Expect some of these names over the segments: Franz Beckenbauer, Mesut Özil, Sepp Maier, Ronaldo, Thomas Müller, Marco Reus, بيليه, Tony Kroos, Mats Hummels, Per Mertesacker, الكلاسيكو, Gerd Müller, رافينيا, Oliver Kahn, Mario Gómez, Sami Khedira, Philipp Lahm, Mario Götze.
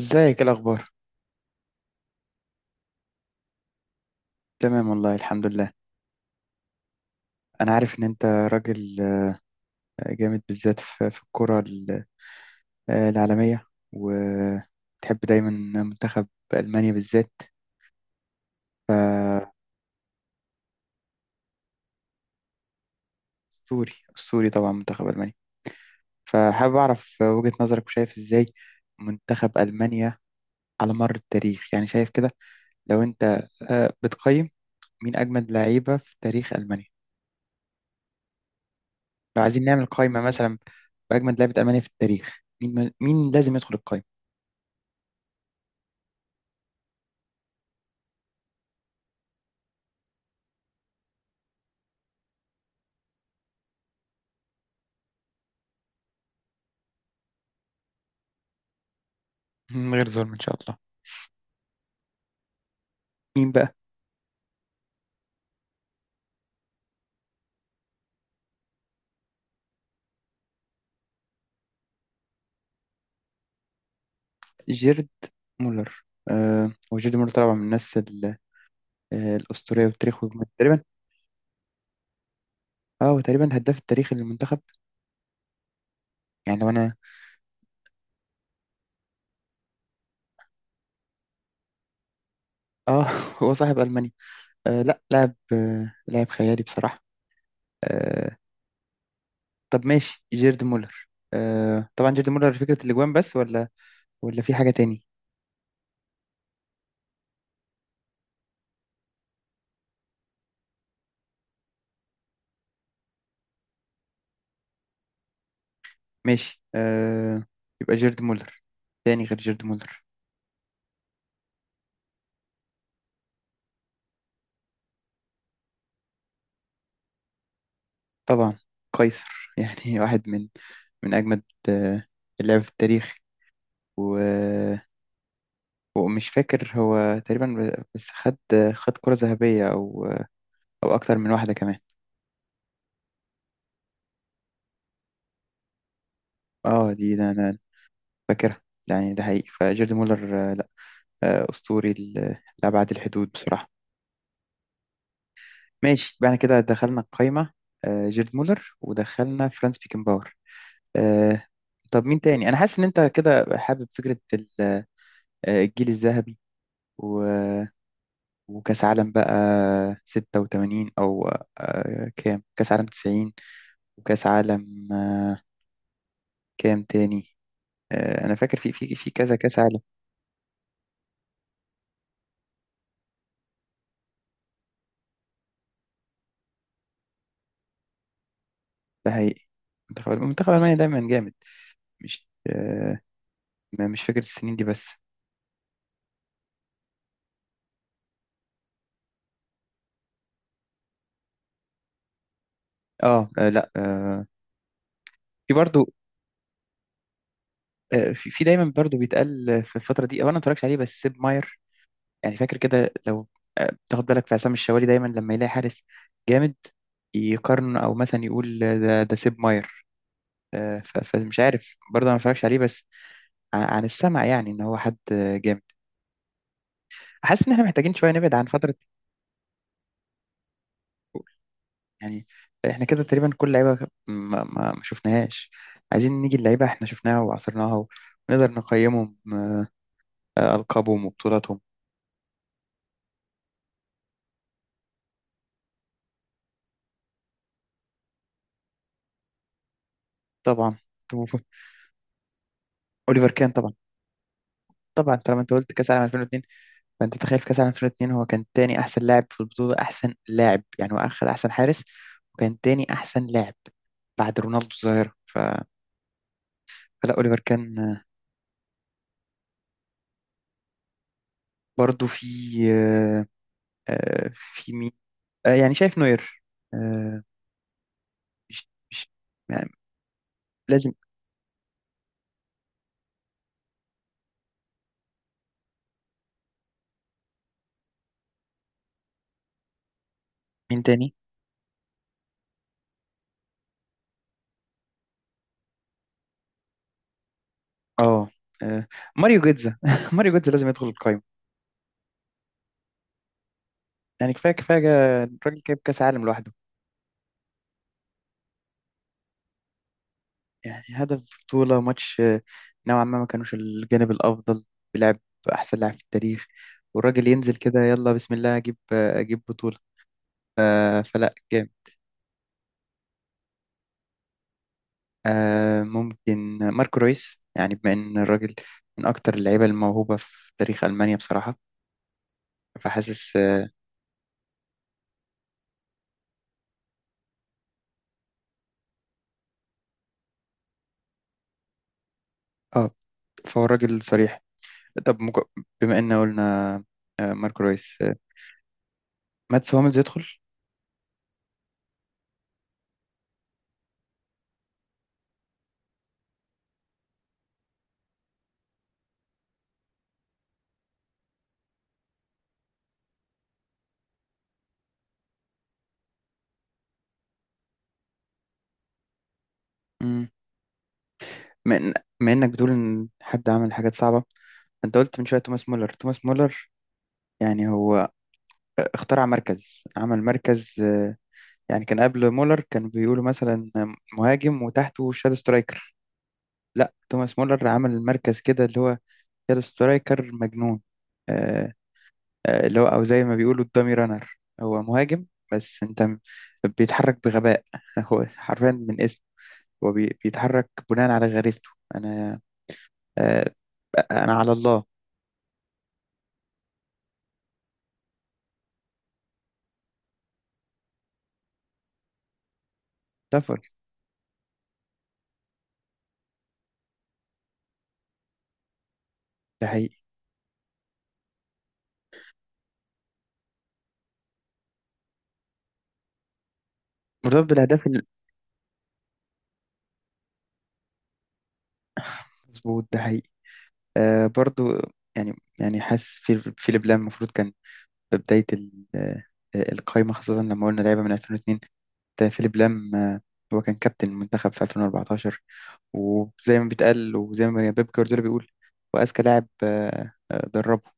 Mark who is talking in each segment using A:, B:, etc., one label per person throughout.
A: ازيك؟ ايه الاخبار؟ تمام والله، الحمد لله. انا عارف ان انت راجل جامد، بالذات في الكرة العالمية، وتحب دايما منتخب المانيا بالذات. فاسطوري اسطوري طبعا، منتخب المانيا. فحابب اعرف وجهة نظرك، وشايف ازاي منتخب المانيا على مر التاريخ. يعني شايف كده، لو انت بتقيم، مين اجمد لعيبة في تاريخ المانيا؟ لو عايزين نعمل قائمة مثلا باجمد لعيبة المانيا في التاريخ، مين مين لازم يدخل القائمة من غير ظلم ان شاء الله؟ مين بقى؟ جيرد مولر. آه، هو جيرد مولر طبعا من الناس الأسطورية، وتاريخه تقريبا. اه هو تقريبا هداف التاريخي للمنتخب. يعني لو انا، اه، هو صاحب ألمانيا. آه، لا لاعب، لاعب خيالي بصراحة، آه. طب ماشي، جيرد مولر. آه، طبعا جيرد مولر فكرة الأجوان بس، ولا في حاجة تاني؟ ماشي آه، يبقى جيرد مولر. تاني غير جيرد مولر؟ طبعا، قيصر. يعني واحد من أجمد آه اللعب في التاريخ. و ومش فاكر، هو تقريبا بس خد كرة ذهبية، أو أكتر من واحدة كمان. اه، ده أنا فاكرها. يعني ده حقيقي، فجيرد مولر آه، لا آه، أسطوري لأبعد الحدود بصراحة. ماشي بعد كده، دخلنا القايمة جيرد مولر، ودخلنا فرانس بيكنباور، آه. طب مين تاني؟ أنا حاسس إن أنت كده حابب فكرة الجيل الذهبي و- وكأس عالم بقى 86، أو كام؟ كأس عالم 90، وكأس عالم كام تاني؟ انا فاكر في كذا كاس عالم. ده حقيقي، منتخب المانيا دايما جامد، مش مش فاكر السنين دي بس. اه، آه، لا، آه، في برضو. في دايما برضو بيتقال في الفتره دي، او انا ما اتفرجش عليه بس، سيب ماير. يعني فاكر كده، لو تاخد بالك في عصام الشوالي دايما لما يلاقي حارس جامد يقارن، او مثلا يقول ده سيب ماير. فمش عارف برضه، انا ما اتفرجش عليه بس عن السمع، يعني ان هو حد جامد. حاسس ان احنا محتاجين شويه نبعد عن فتره. يعني احنا كده تقريبا كل لعيبه ما شفناهاش، عايزين نيجي اللعيبه احنا شفناها وعصرناها ونقدر نقيمهم، القابهم وبطولاتهم. طبعا. طب اوليفر كان طبعا. طالما انت قلت كاس العالم 2002، فانت تخيل في كاس العالم 2002 هو كان تاني احسن لاعب في البطوله، احسن لاعب. يعني هو اخذ احسن حارس، وكان تاني احسن لاعب بعد رونالدو الظاهره. فلا، اوليفر كان، آه. برضو في آه، في مين؟ يعني شايف نوير. آه، مش يعني، لازم. مين تاني؟ اه، آه، ماريو جيتزا. ماريو جيتزا لازم يدخل القايمة. يعني كفاية كفاية، الراجل جايب كأس عالم لوحده. يعني هدف بطولة ماتش، نوعا ما، ما كانوش الجانب الأفضل، بيلعب أحسن لاعب في التاريخ، والراجل ينزل كده يلا بسم الله أجيب، أجيب بطولة. آه، فلا، جامد. ممكن ماركو رويس، يعني بما إن الراجل من أكتر اللعيبة الموهوبة في تاريخ ألمانيا بصراحة. فحاسس اه، آه. فهو الراجل صريح. طب بما ان قلنا ماركو رويس ماتس هوملز يدخل. مم. بما انك بتقول ان حد عمل حاجات صعبه، انت قلت من شويه توماس مولر. توماس مولر يعني هو اخترع مركز، عمل مركز، يعني. كان قبل مولر كانوا بيقولوا مثلا مهاجم وتحته شادو سترايكر. لا، توماس مولر عمل مركز كده، اللي هو شادو سترايكر مجنون. آه، اللي هو، او زي ما بيقولوا الدامي رانر، هو مهاجم بس بيتحرك بغباء. هو حرفيا من اسمه، هو بيتحرك بناء على غريزته. انا آه، انا على الله. سفر. ده حقيقي، مرتبط بالاهداف مظبوط، ده حقيقي، آه، برضو. يعني حاسس في في لبلان المفروض كان في بدايه القايمه، خاصه لما قلنا لعيبه من 2002، ده فيليب لام. هو كان كابتن المنتخب في 2014، وزي ما بيتقال وزي ما بيب جوارديولا بيقول، هو اذكى لاعب دربه،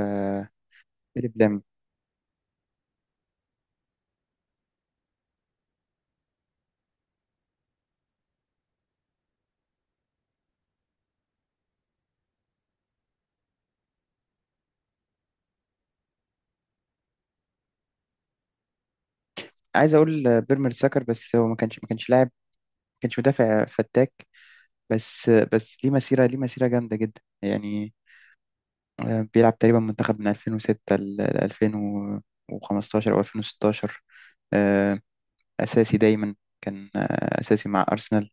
A: آه، فيليب لام. عايز اقول بيرمر ساكر، بس هو ما كانش لاعب، ما كانش مدافع فتاك، بس ليه مسيرة، جامدة جدا يعني. بيلعب تقريبا منتخب من 2006 ل 2015 أو 2016. آه، أساسي دايما، كان أساسي مع أرسنال.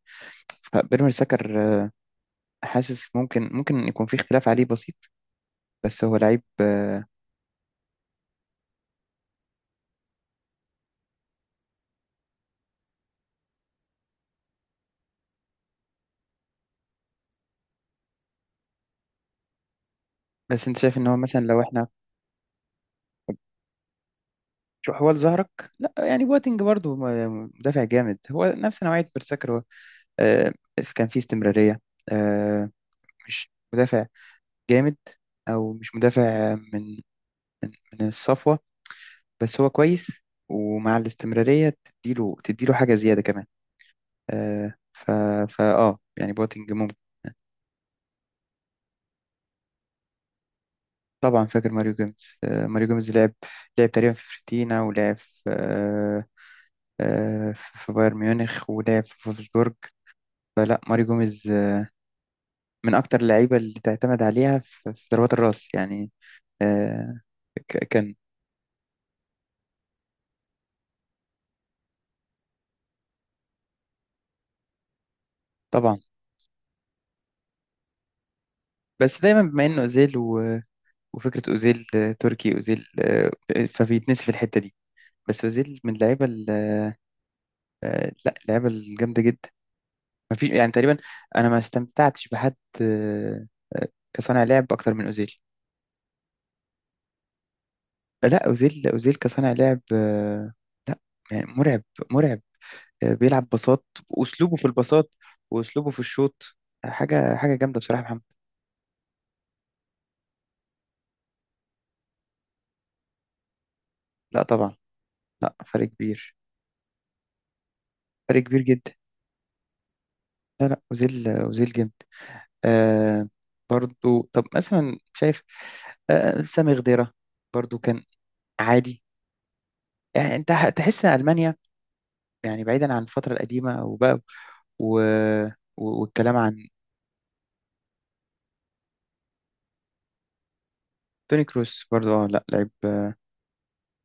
A: فبيراميد سكر، حاسس ممكن يكون في اختلاف عليه بسيط، بس هو لعيب، آه. بس أنت شايف إن هو مثلا، لو إحنا، شو حوال ظهرك. لا يعني، بواتينج برضو مدافع جامد، هو نفس نوعية بيرساكر. هو آه، كان فيه استمرارية، آه، مش مدافع جامد، او مش مدافع من من الصفوه، بس هو كويس. ومع الاستمراريه تديله حاجه زياده كمان، آه. ف فا اه يعني بوتنج ممكن. طبعا فاكر ماريو جيمس. لعب، تقريبا في فيورنتينا، ولعب في آه آه في بايرن ميونخ، ولعب في فولفسبورج. فلا، ماريو جيمس من اكتر اللعيبه اللي تعتمد عليها في ضربات الراس يعني، آه، كان. طبعا بس دايما بما انه اوزيل. وفكرة أوزيل، تركي أوزيل، فبيتنسي في الحتة دي. بس أوزيل من اللعيبة ال- آه، لا اللعيبة الجامدة جدا. ما في يعني، تقريبا أنا ما استمتعتش بحد آه، آه، كصانع لعب أكتر من أوزيل. لا، أوزيل. كصانع لعب، لا يعني، مرعب، مرعب. بيلعب بساط، وأسلوبه في البساط وأسلوبه في الشوط حاجة، جامدة بصراحة يا محمد. لا طبعا، لا فرق كبير جدا. لا لا، أوزيل، أوزيل جامد، آه. برضو، طب مثلا شايف سامي غديرة برضو، كان عادي. يعني انت تحس ان المانيا، يعني بعيدا عن الفتره القديمه وبقى، و... والكلام عن توني كروس برضو. اه لا، لعيب،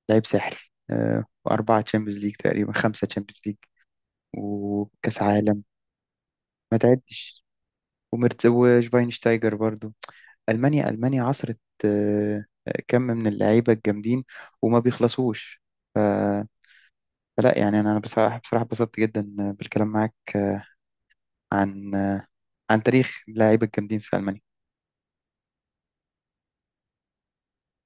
A: ساحر، آه، واربعه تشامبيونز ليج، تقريبا 5 تشامبيونز ليج، وكاس عالم. ما تعدش. وشفاينشتايجر برضو. المانيا، المانيا عصرت آه كم من اللعيبه الجامدين، وما بيخلصوش. فلا يعني، انا بصراحه، اتبسطت جدا بالكلام معاك عن تاريخ اللاعيبه الجامدين في المانيا.